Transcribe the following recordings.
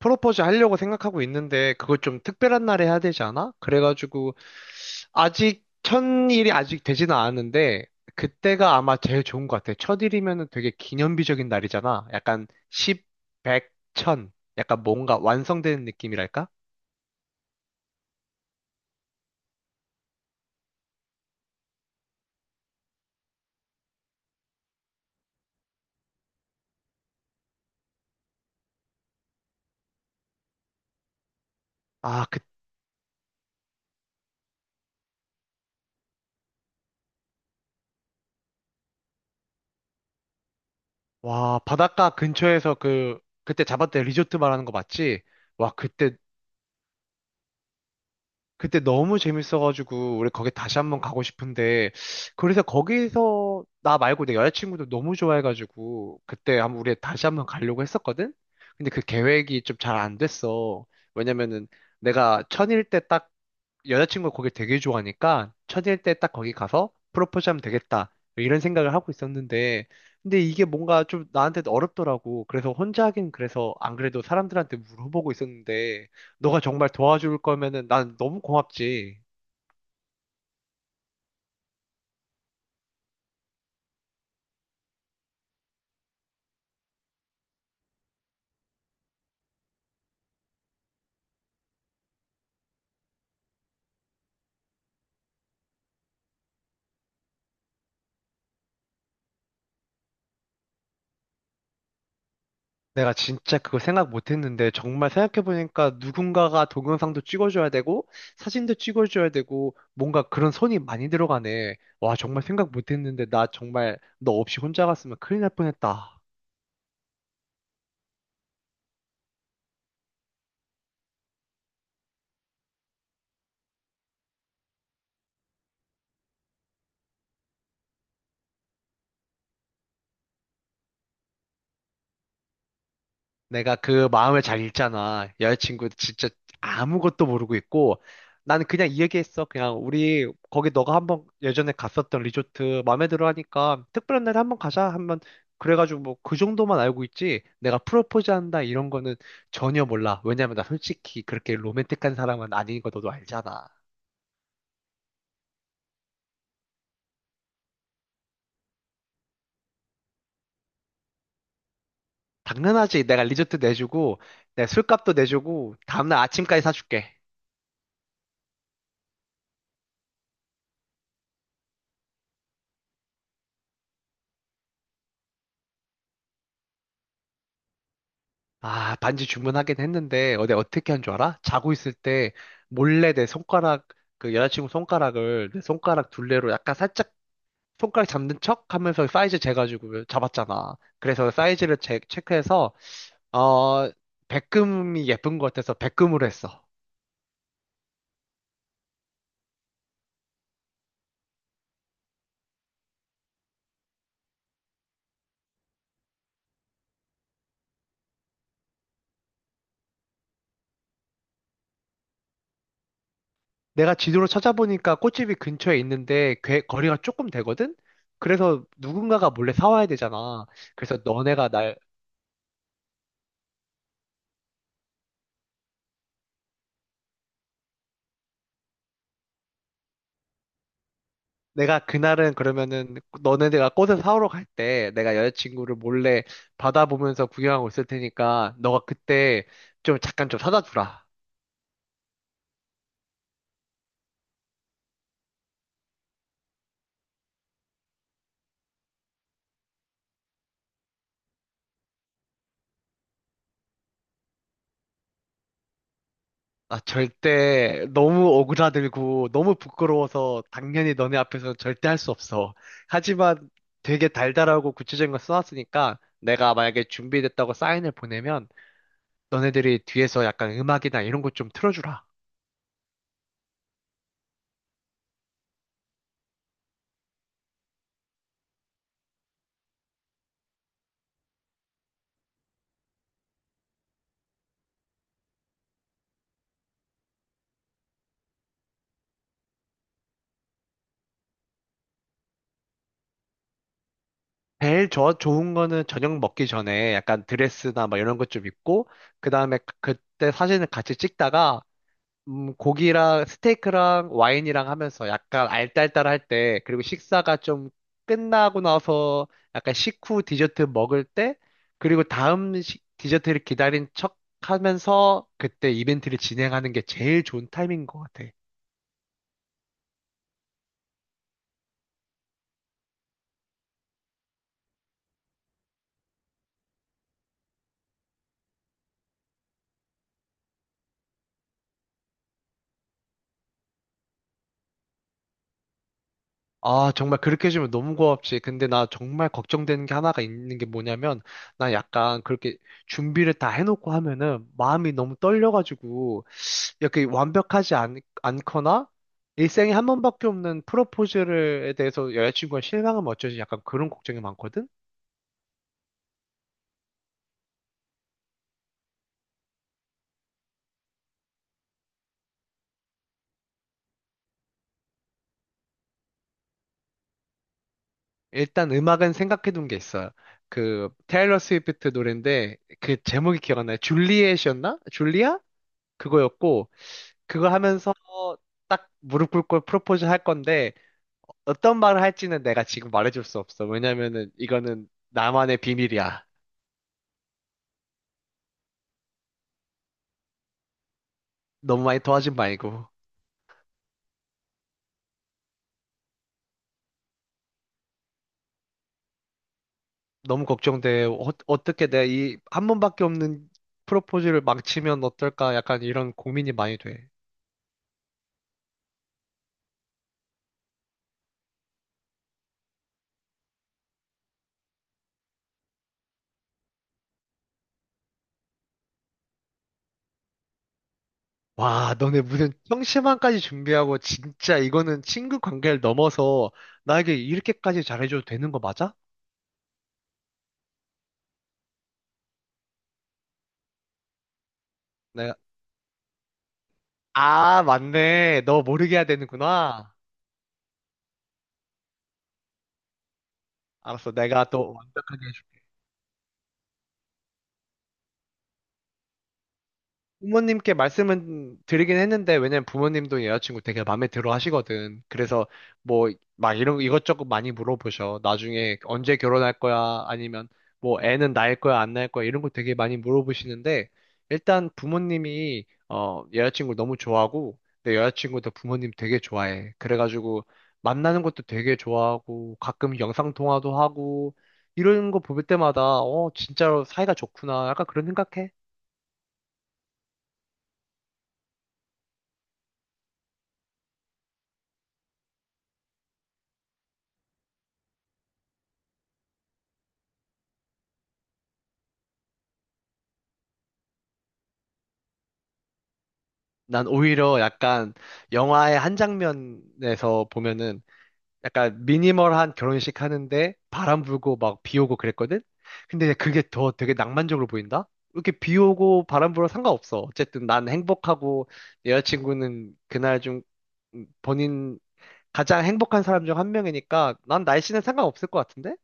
프로포즈 하려고 생각하고 있는데 그걸 좀 특별한 날에 해야 되지 않아? 그래가지고 아직 첫일이 아직 되지는 않았는데 그때가 아마 제일 좋은 것 같아. 첫일이면은 되게 기념비적인 날이잖아. 약간 10, 100, 1000 약간 뭔가 완성되는 느낌이랄까? 아, 와, 바닷가 근처에서 그때 잡았던 리조트 말하는 거 맞지? 와, 그때 너무 재밌어가지고 우리 거기 다시 한번 가고 싶은데, 그래서 거기서 나 말고 내 여자친구도 너무 좋아해가지고 그때 한번 우리 다시 한번 가려고 했었거든? 근데 그 계획이 좀 잘 안 됐어. 왜냐면은 내가 천일 때딱 여자친구가 거기 되게 좋아하니까 첫일 때 딱 거기 가서 프로포즈하면 되겠다, 이런 생각을 하고 있었는데, 근데 이게 뭔가 좀 나한테 어렵더라고. 그래서 혼자 하긴 그래서 안 그래도 사람들한테 물어보고 있었는데, 너가 정말 도와줄 거면은 난 너무 고맙지. 내가 진짜 그거 생각 못 했는데, 정말 생각해보니까 누군가가 동영상도 찍어줘야 되고, 사진도 찍어줘야 되고, 뭔가 그런 손이 많이 들어가네. 와, 정말 생각 못 했는데, 나 정말 너 없이 혼자 갔으면 큰일 날 뻔했다. 내가 그 마음을 잘 읽잖아. 여자친구도 진짜 아무것도 모르고 있고, 나는 그냥 이 얘기했어. 그냥 우리 거기 너가 한번 예전에 갔었던 리조트 마음에 들어 하니까 특별한 날에 한번 가자. 한번 그래가지고 뭐 그 정도만 알고 있지. 내가 프로포즈 한다 이런 거는 전혀 몰라. 왜냐면 나 솔직히 그렇게 로맨틱한 사람은 아닌 거 너도 알잖아. 당연하지. 내가 리조트 내주고, 내 술값도 내주고, 다음날 아침까지 사줄게. 아, 반지 주문하긴 했는데, 어제 어떻게 한 줄 알아? 자고 있을 때, 몰래 내 손가락, 그 여자친구 손가락을 내 손가락 둘레로 약간 살짝 손가락 잡는 척 하면서 사이즈 재가지고 잡았잖아. 그래서 사이즈를 체크해서, 어, 백금이 예쁜 것 같아서 백금으로 했어. 내가 지도로 찾아보니까 꽃집이 근처에 있는데, 거리가 조금 되거든? 그래서 누군가가 몰래 사와야 되잖아. 그래서 너네가 날 내가 그날은 그러면은 너네가 꽃을 사오러 갈 때 내가 여자친구를 몰래 바다 보면서 구경하고 있을 테니까 너가 그때 좀 잠깐 좀 사다 주라. 아, 절대 너무 오그라들고 너무 부끄러워서 당연히 너네 앞에서 절대 할 수 없어. 하지만 되게 달달하고 구체적인 걸 써놨으니까 내가 만약에 준비됐다고 사인을 보내면 너네들이 뒤에서 약간 음악이나 이런 것 좀 틀어주라. 제일 저 좋은 거는 저녁 먹기 전에 약간 드레스나 막 이런 것 좀 입고, 그 다음에 그, 그때 사진을 같이 찍다가 고기랑 스테이크랑 와인이랑 하면서 약간 알딸딸할 때, 그리고 식사가 좀 끝나고 나서 약간 식후 디저트 먹을 때, 그리고 다음 디저트를 기다린 척 하면서 그때 이벤트를 진행하는 게 제일 좋은 타이밍인 것 같아. 아, 정말 그렇게 해주면 너무 고맙지. 근데 나 정말 걱정되는 게 하나가 있는 게 뭐냐면, 나 약간 그렇게 준비를 다 해놓고 하면은 마음이 너무 떨려가지고, 이렇게 완벽하지 않거나, 일생에 한 번밖에 없는 프로포즈에 대해서 여자친구가 실망하면 어쩌지? 약간 그런 걱정이 많거든? 일단 음악은 생각해둔 게 있어요. 그, 테일러 스위프트 노래인데, 그 제목이 기억나요? 줄리엣이었나? 줄리아? 그거였고, 그거 하면서 딱 무릎 꿇고 프로포즈 할 건데 어떤 말을 할지는 내가 지금 말해줄 수 없어. 왜냐면은 이거는 나만의 비밀이야. 너무 많이 도와준 말고. 너무 걱정돼. 떻게 내가 이 한 번밖에 없는 프로포즈를 망치면 어떨까? 약간 이런 고민이 많이 돼. 와, 너네 무슨 형식만까지 준비하고 진짜 이거는 친구 관계를 넘어서 나에게 이렇게까지 잘해줘도 되는 거 맞아? 내가 아, 맞네. 너 모르게 해야 되는구나. 알았어. 내가 또 부모님께 말씀은 드리긴 했는데, 왜냐면 부모님도 여자친구 되게 마음에 들어 하시거든. 그래서 뭐, 막 이런, 이것저것 많이 물어보셔. 나중에 언제 결혼할 거야? 아니면 뭐, 애는 낳을 거야? 안 낳을 거야? 이런 거 되게 많이 물어보시는데, 일단 부모님이, 어, 여자친구 너무 좋아하고, 내 여자친구도 부모님 되게 좋아해. 그래가지고, 만나는 것도 되게 좋아하고, 가끔 영상통화도 하고, 이런 거 볼 때마다, 어, 진짜로 사이가 좋구나. 약간 그런 생각해. 난 오히려 약간 영화의 한 장면에서 보면은 약간 미니멀한 결혼식 하는데 바람 불고 막 비 오고 그랬거든? 근데 그게 더 되게 낭만적으로 보인다? 이렇게 비 오고 바람 불어 상관없어. 어쨌든 난 행복하고 내 여자친구는 그날 좀 본인 가장 행복한 사람 중 한 명이니까 난 날씨는 상관없을 것 같은데?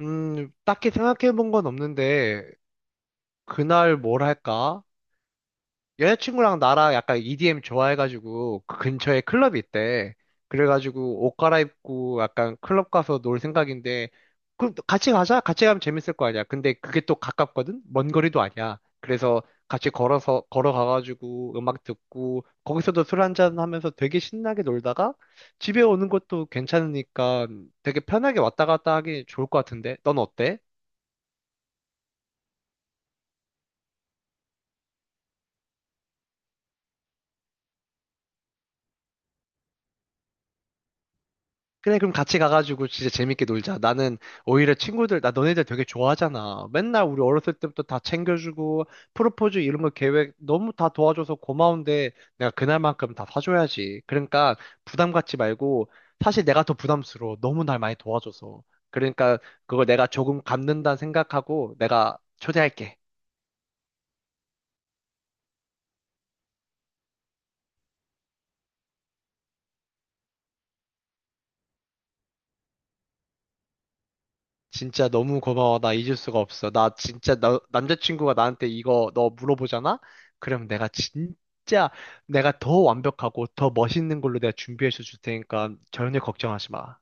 딱히 생각해 본 건 없는데 그날 뭘 할까? 여자친구랑 나랑 약간 EDM 좋아해가지고 그 근처에 클럽이 있대. 그래가지고 옷 갈아입고 약간 클럽 가서 놀 생각인데 그럼 또 같이 가자. 같이 가면 재밌을 거 아니야. 근데 그게 또 가깝거든. 먼 거리도 아니야. 그래서 같이 걸어서 걸어가가지고 음악 듣고 거기서도 술 한잔 하면서 되게 신나게 놀다가 집에 오는 것도 괜찮으니까 되게 편하게 왔다 갔다 하기 좋을 것 같은데. 넌 어때? 그래, 그럼 같이 가가지고 진짜 재밌게 놀자. 나는 오히려 친구들, 나 너네들 되게 좋아하잖아. 맨날 우리 어렸을 때부터 다 챙겨주고, 프로포즈 이런 거 계획 너무 다 도와줘서 고마운데, 내가 그날만큼 다 사줘야지. 그러니까 부담 갖지 말고, 사실 내가 더 부담스러워. 너무 날 많이 도와줘서. 그러니까 그걸 내가 조금 갚는다 생각하고, 내가 초대할게. 진짜 너무 고마워. 나 잊을 수가 없어. 나 진짜 남자친구가 나한테 이거 너 물어보잖아? 그럼 내가 진짜 내가 더 완벽하고 더 멋있는 걸로 내가 준비해서 줄 테니까 전혀 걱정하지 마.